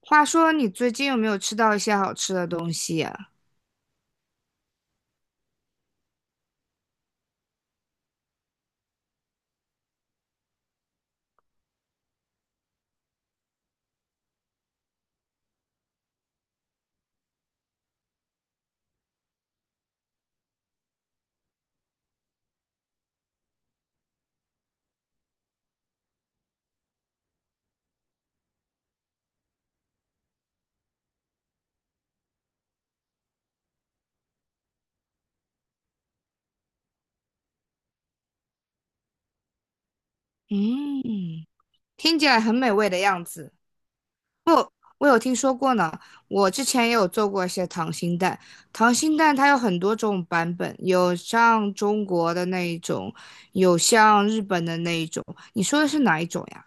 话说，你最近有没有吃到一些好吃的东西呀？嗯，听起来很美味的样子。我有听说过呢，我之前也有做过一些糖心蛋。糖心蛋它有很多种版本，有像中国的那一种，有像日本的那一种。你说的是哪一种呀？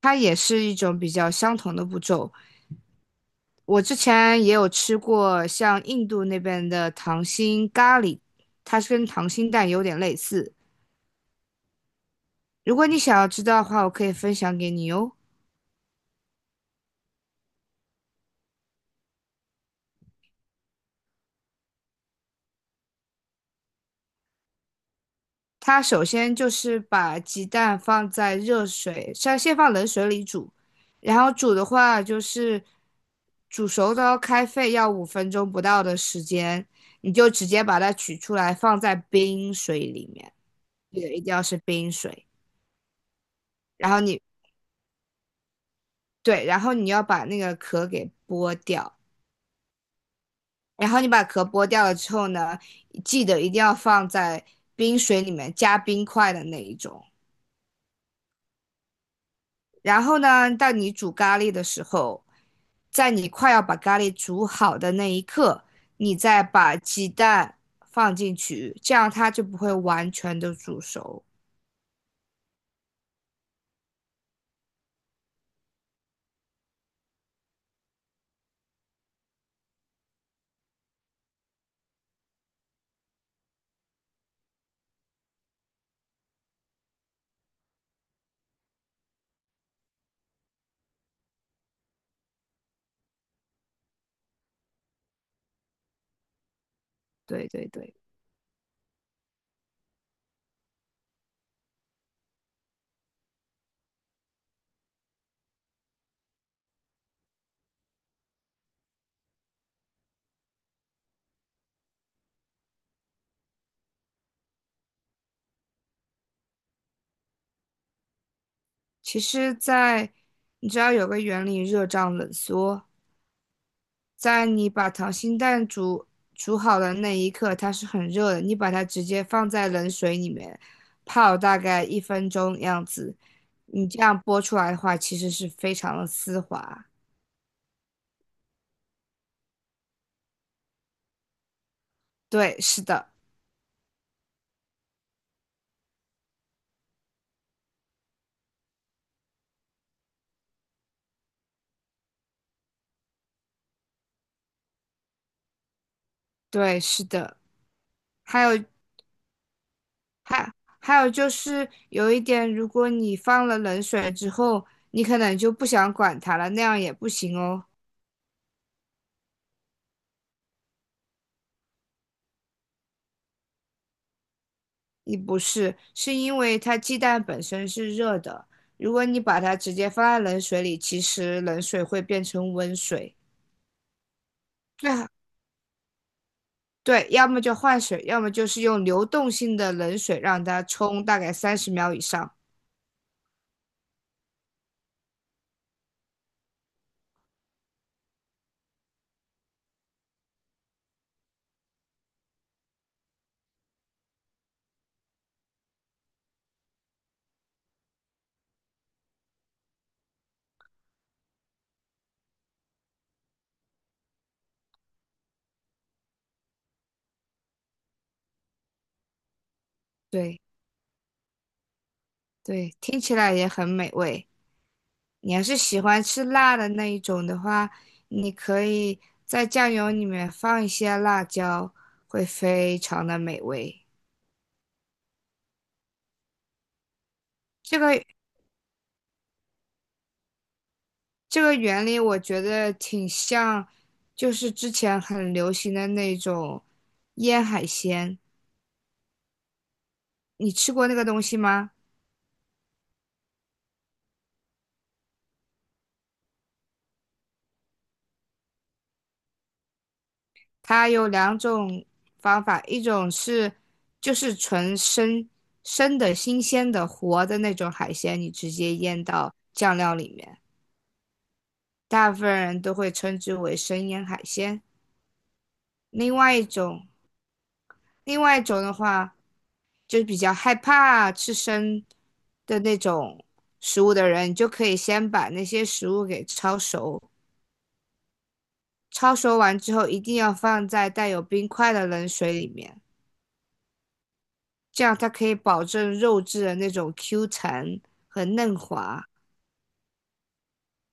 它也是一种比较相同的步骤。我之前也有吃过像印度那边的糖心咖喱，它是跟糖心蛋有点类似。如果你想要知道的话，我可以分享给你哦。它首先就是把鸡蛋放在热水，先放冷水里煮，然后煮的话就是煮熟都要开沸要5分钟不到的时间，你就直接把它取出来放在冰水里面，记得一定要是冰水。然后你对，然后你要把那个壳给剥掉，然后你把壳剥掉了之后呢，记得一定要放在冰水里面加冰块的那一种。然后呢，到你煮咖喱的时候，在你快要把咖喱煮好的那一刻，你再把鸡蛋放进去，这样它就不会完全的煮熟。对对对，其实在，你知道有个原理，热胀冷缩，在你把溏心蛋煮好的那一刻，它是很热的，你把它直接放在冷水里面泡大概1分钟样子，你这样剥出来的话，其实是非常的丝滑。对，是的，对，是的，还有还还有就是有一点，如果你放了冷水之后，你可能就不想管它了，那样也不行哦。你不是，是因为它鸡蛋本身是热的，如果你把它直接放在冷水里，其实冷水会变成温水。最好，对，要么就换水，要么就是用流动性的冷水让它冲大概30秒以上。对对，听起来也很美味。你要是喜欢吃辣的那一种的话，你可以在酱油里面放一些辣椒，会非常的美味。这个这个原理我觉得挺像，就是之前很流行的那种腌海鲜。你吃过那个东西吗？它有两种方法，一种是就是纯生的新鲜的活的那种海鲜，你直接腌到酱料里面。大部分人都会称之为生腌海鲜。另外一种，另外一种的话，就是比较害怕吃生的那种食物的人，就可以先把那些食物给焯熟。焯熟完之后，一定要放在带有冰块的冷水里面，这样它可以保证肉质的那种 Q 弹和嫩滑。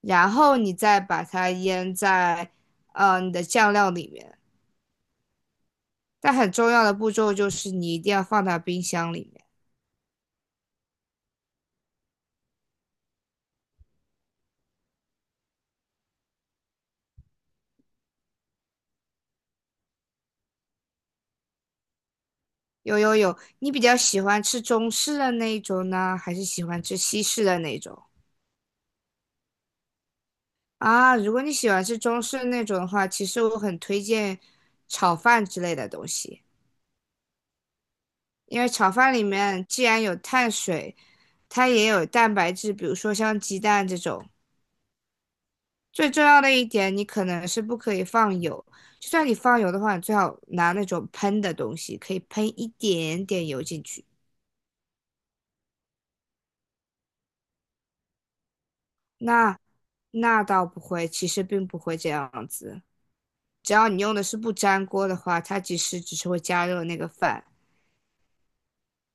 然后你再把它腌在，你的酱料里面。但很重要的步骤就是你一定要放到冰箱里面。有有有，你比较喜欢吃中式的那一种呢，还是喜欢吃西式的那一种啊？如果你喜欢吃中式那种的话，其实我很推荐炒饭之类的东西，因为炒饭里面既然有碳水，它也有蛋白质，比如说像鸡蛋这种。最重要的一点，你可能是不可以放油，就算你放油的话，你最好拿那种喷的东西，可以喷一点点油进去。那那倒不会，其实并不会这样子。只要你用的是不粘锅的话，它其实只是会加热那个饭。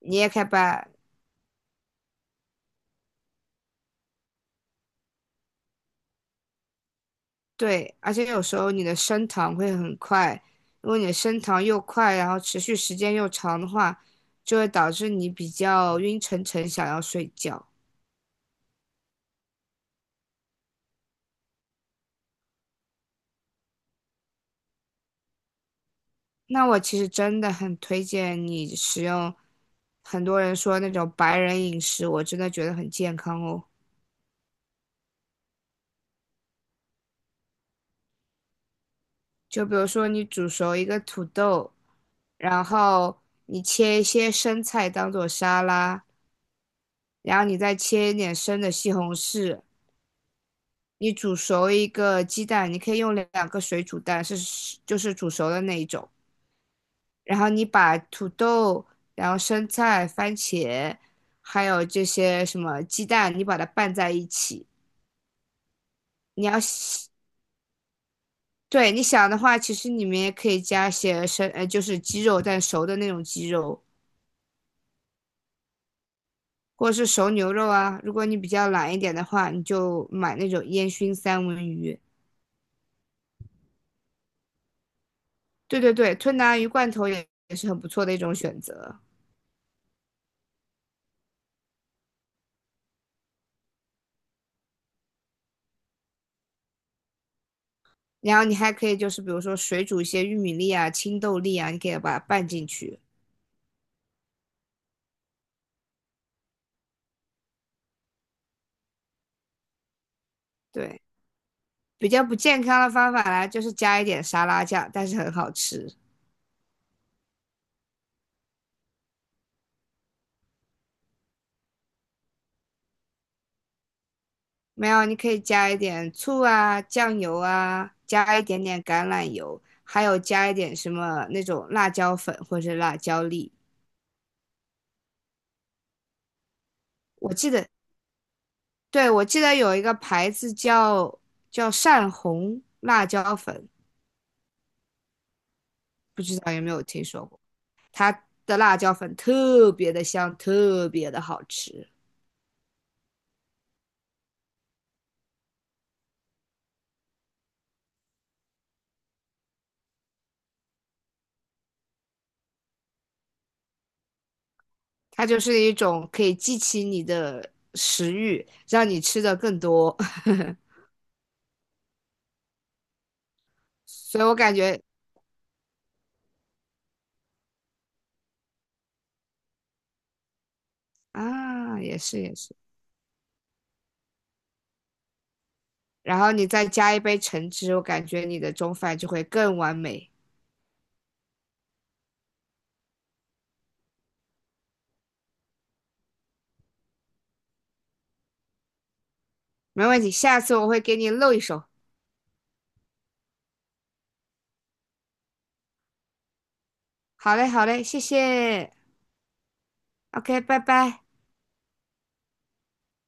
你也可以把，对，而且有时候你的升糖会很快，如果你的升糖又快，然后持续时间又长的话，就会导致你比较晕沉沉，想要睡觉。那我其实真的很推荐你使用，很多人说那种白人饮食，我真的觉得很健康哦。就比如说你煮熟一个土豆，然后你切一些生菜当做沙拉。然后你再切一点生的西红柿。你煮熟一个鸡蛋，你可以用2个水煮蛋，是就是煮熟的那一种。然后你把土豆，然后生菜、番茄，还有这些什么鸡蛋，你把它拌在一起。你要喜，对，你想的话，其实里面也可以加些生，就是鸡肉，但熟的那种鸡肉，或者是熟牛肉啊。如果你比较懒一点的话，你就买那种烟熏三文鱼。对对对，吞拿鱼罐头也是很不错的一种选择。然后你还可以就是比如说水煮一些玉米粒啊、青豆粒啊，你可以把它拌进去。对，比较不健康的方法呢，就是加一点沙拉酱，但是很好吃。没有，你可以加一点醋啊、酱油啊，加一点点橄榄油，还有加一点什么那种辣椒粉或者辣椒粒。我记得，对，我记得有一个牌子叫善红辣椒粉，不知道有没有听说过。的辣椒粉特别的香，特别的好吃。它就是一种可以激起你的食欲，让你吃的更多。所以我感觉啊，也是也是。然后你再加一杯橙汁，我感觉你的中饭就会更完美。没问题，下次我会给你露一手。好嘞，好嘞，谢谢。OK，拜拜。